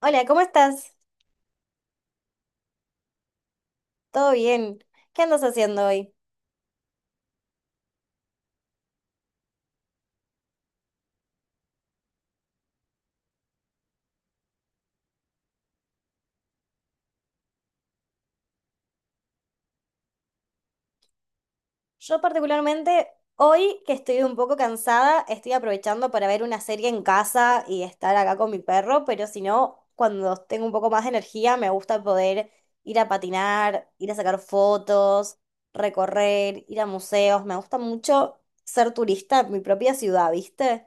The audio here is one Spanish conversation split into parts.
Hola, ¿cómo estás? ¿Todo bien? ¿Qué andas haciendo hoy? Yo particularmente, hoy que estoy un poco cansada, estoy aprovechando para ver una serie en casa y estar acá con mi perro, pero si no, cuando tengo un poco más de energía, me gusta poder ir a patinar, ir a sacar fotos, recorrer, ir a museos. Me gusta mucho ser turista en mi propia ciudad, ¿viste?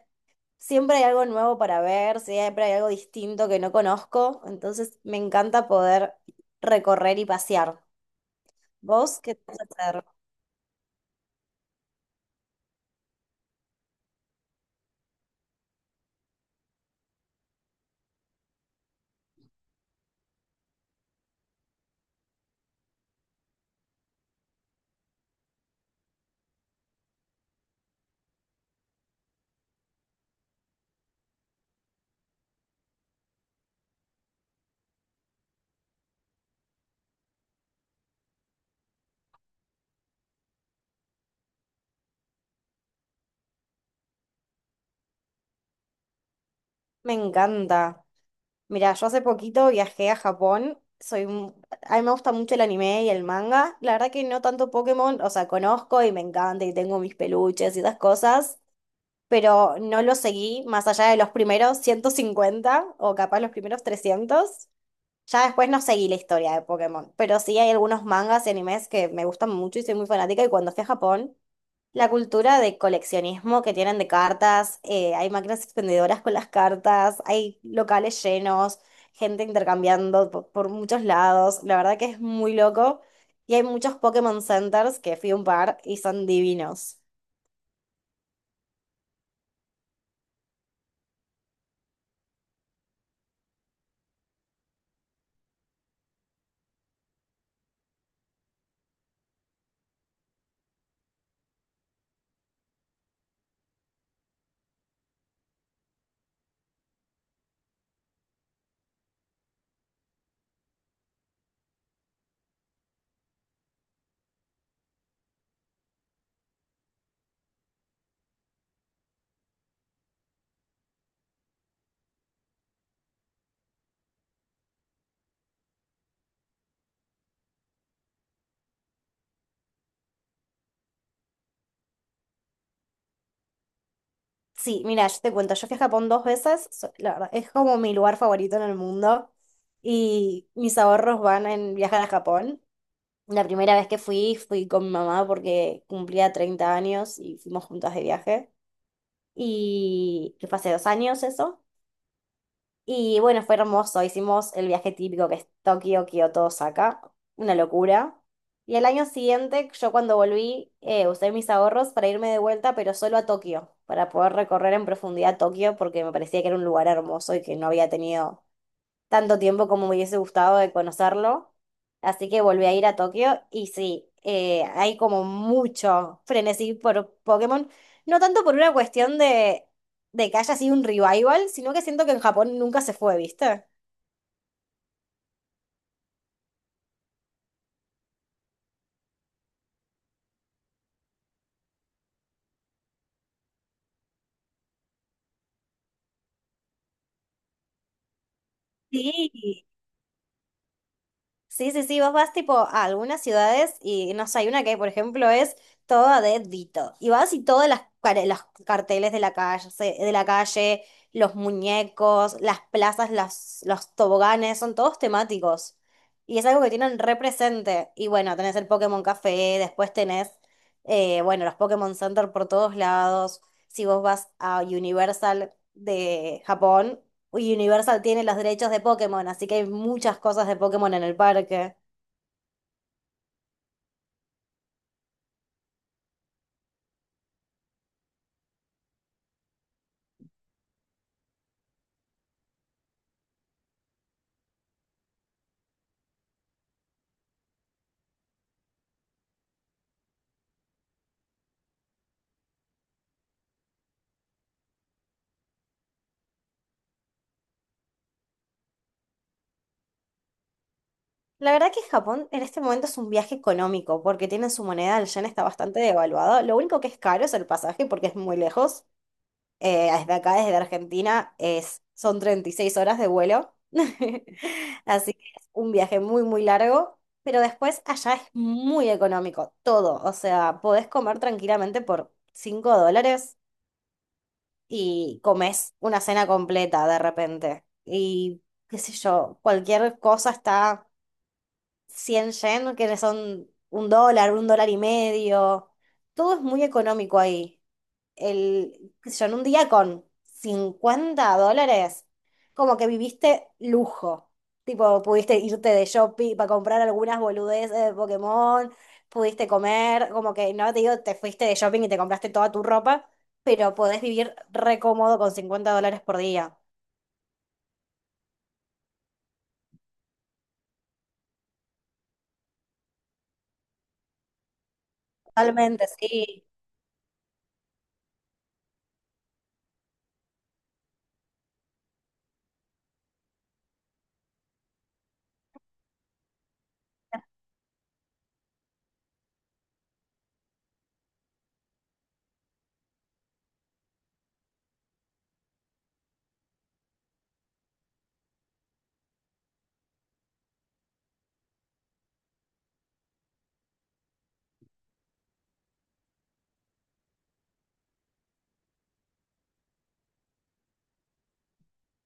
Siempre hay algo nuevo para ver, siempre hay algo distinto que no conozco, entonces me encanta poder recorrer y pasear. ¿Vos qué te vas a hacer? Me encanta. Mira, yo hace poquito viajé a Japón. A mí me gusta mucho el anime y el manga. La verdad que no tanto Pokémon, o sea, conozco y me encanta y tengo mis peluches y esas cosas, pero no lo seguí más allá de los primeros 150 o capaz los primeros 300. Ya después no seguí la historia de Pokémon, pero sí hay algunos mangas y animes que me gustan mucho y soy muy fanática, y cuando fui a Japón, la cultura de coleccionismo que tienen de cartas, hay máquinas expendedoras con las cartas, hay locales llenos, gente intercambiando por muchos lados, la verdad que es muy loco. Y hay muchos Pokémon Centers, que fui a un par y son divinos. Sí, mira, yo te cuento, yo fui a Japón dos veces, la verdad, es como mi lugar favorito en el mundo y mis ahorros van en viajar a Japón. La primera vez que fui, fui con mi mamá porque cumplía 30 años y fuimos juntas de viaje. Y que fue hace 2 años eso. Y bueno, fue hermoso. Hicimos el viaje típico, que es Tokio, Kioto, Osaka. Una locura. Y al año siguiente, yo cuando volví, usé mis ahorros para irme de vuelta, pero solo a Tokio, para poder recorrer en profundidad Tokio, porque me parecía que era un lugar hermoso y que no había tenido tanto tiempo como me hubiese gustado de conocerlo. Así que volví a ir a Tokio y sí, hay como mucho frenesí por Pokémon. No tanto por una cuestión de que haya sido un revival, sino que siento que en Japón nunca se fue, ¿viste? Sí, sí, sí, sí, vos vas tipo a algunas ciudades y no sé, hay una que por ejemplo es toda de Dito. Y vas y todas las carteles de la calle, de la calle, los muñecos, las plazas, las, los toboganes, son todos temáticos. Y es algo que tienen represente. Y bueno, tenés el Pokémon Café, después tenés, bueno, los Pokémon Center por todos lados. Si vos vas a Universal de Japón, y Universal tiene los derechos de Pokémon, así que hay muchas cosas de Pokémon en el parque. La verdad que Japón en este momento es un viaje económico, porque tienen su moneda, el yen está bastante devaluado. Lo único que es caro es el pasaje, porque es muy lejos. Desde acá, desde Argentina, es, son 36 horas de vuelo. Así que es un viaje muy, muy largo. Pero después allá es muy económico, todo. O sea, podés comer tranquilamente por $5 y comes una cena completa de repente. Y qué sé yo, cualquier cosa está 100 yenes, que son $1, $1,50. Todo es muy económico ahí, el, qué sé yo, en un día con $50, como que viviste lujo. Tipo, pudiste irte de shopping para comprar algunas boludeces de Pokémon, pudiste comer, como que no te digo, te fuiste de shopping y te compraste toda tu ropa, pero podés vivir re cómodo con $50 por día. Totalmente, sí.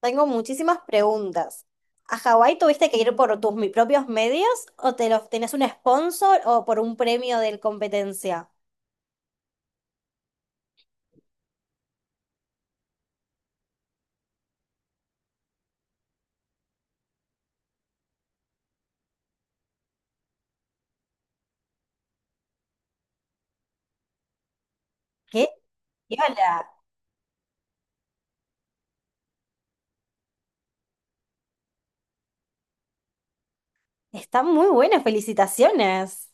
Tengo muchísimas preguntas. ¿A Hawái tuviste que ir por tus propios medios o te los tenés un sponsor o por un premio de competencia? ¿Qué? Está muy buena, felicitaciones.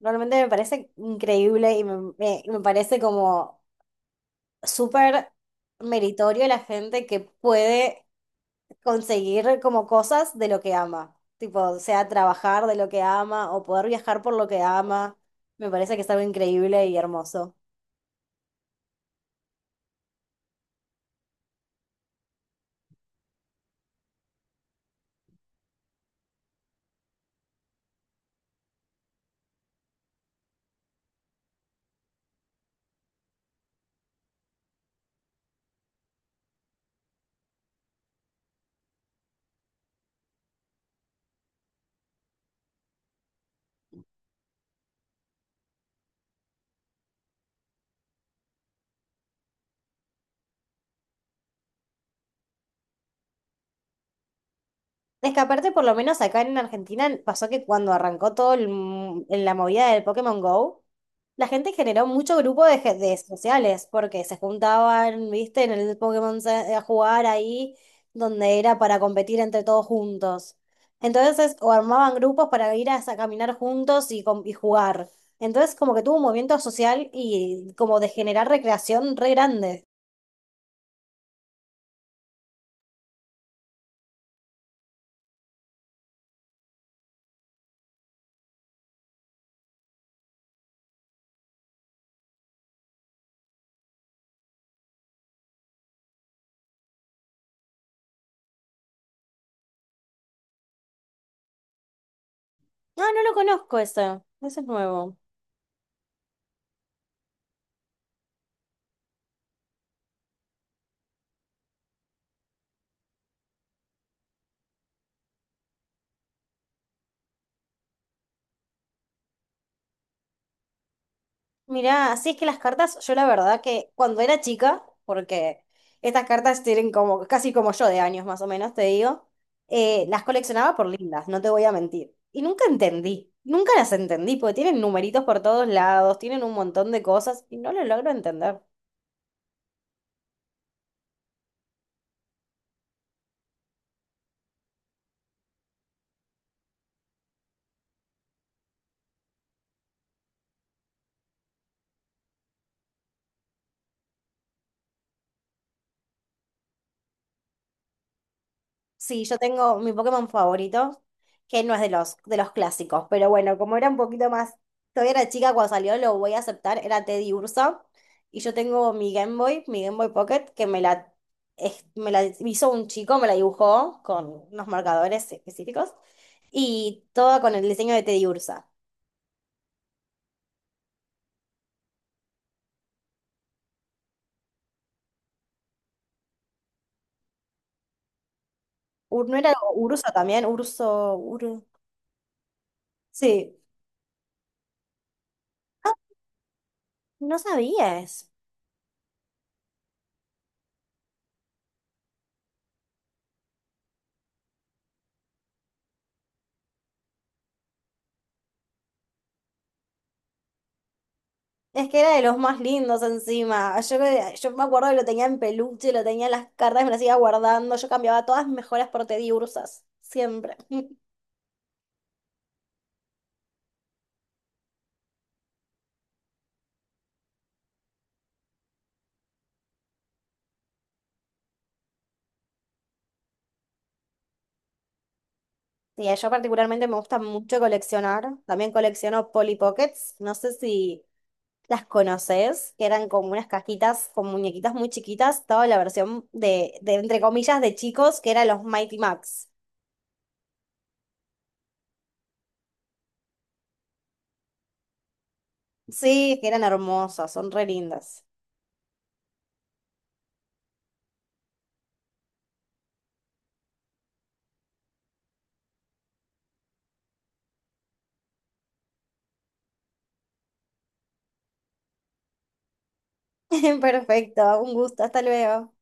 Realmente me parece increíble y me parece como súper meritorio la gente que puede conseguir como cosas de lo que ama. Tipo, sea trabajar de lo que ama o poder viajar por lo que ama. Me parece que es algo increíble y hermoso. Es que aparte, por lo menos acá en Argentina, pasó que cuando arrancó todo el en la movida del Pokémon Go, la gente generó mucho grupo de, de sociales, porque se juntaban, viste, en el a jugar ahí, donde era para competir entre todos juntos. Entonces, o armaban grupos para ir a caminar juntos y y jugar. Entonces, como que tuvo un movimiento social y como de generar recreación re grande. No, no lo conozco eso. Eso es nuevo. Mirá, sí, es que las cartas, yo la verdad que cuando era chica, porque estas cartas tienen como casi como yo de años más o menos, te digo, las coleccionaba por lindas, no te voy a mentir. Y nunca entendí, nunca las entendí, porque tienen numeritos por todos lados, tienen un montón de cosas y no lo logro entender. Sí, yo tengo mi Pokémon favorito, que no es de los clásicos, pero bueno, como era un poquito más, todavía era chica cuando salió, lo voy a aceptar, era Teddy Ursa, y yo tengo mi Game Boy Pocket, que me la, me la hizo un chico, me la dibujó con unos marcadores específicos, y toda con el diseño de Teddy Ursa. ¿No era Urso también? Urso. Sí, no sabías. Es que era de los más lindos encima. Yo me acuerdo que lo tenía en peluche, lo tenía en las cartas, me las iba guardando. Yo cambiaba todas mis mejoras por Tediursas, siempre. Sí, yo particularmente me gusta mucho coleccionar. También colecciono Polly Pockets. No sé si las conoces, que eran como unas cajitas con muñequitas muy chiquitas. Estaba la versión de, entre comillas, de chicos, que eran los Mighty Max. Sí, que eran hermosas, son re lindas. Perfecto, un gusto, hasta luego.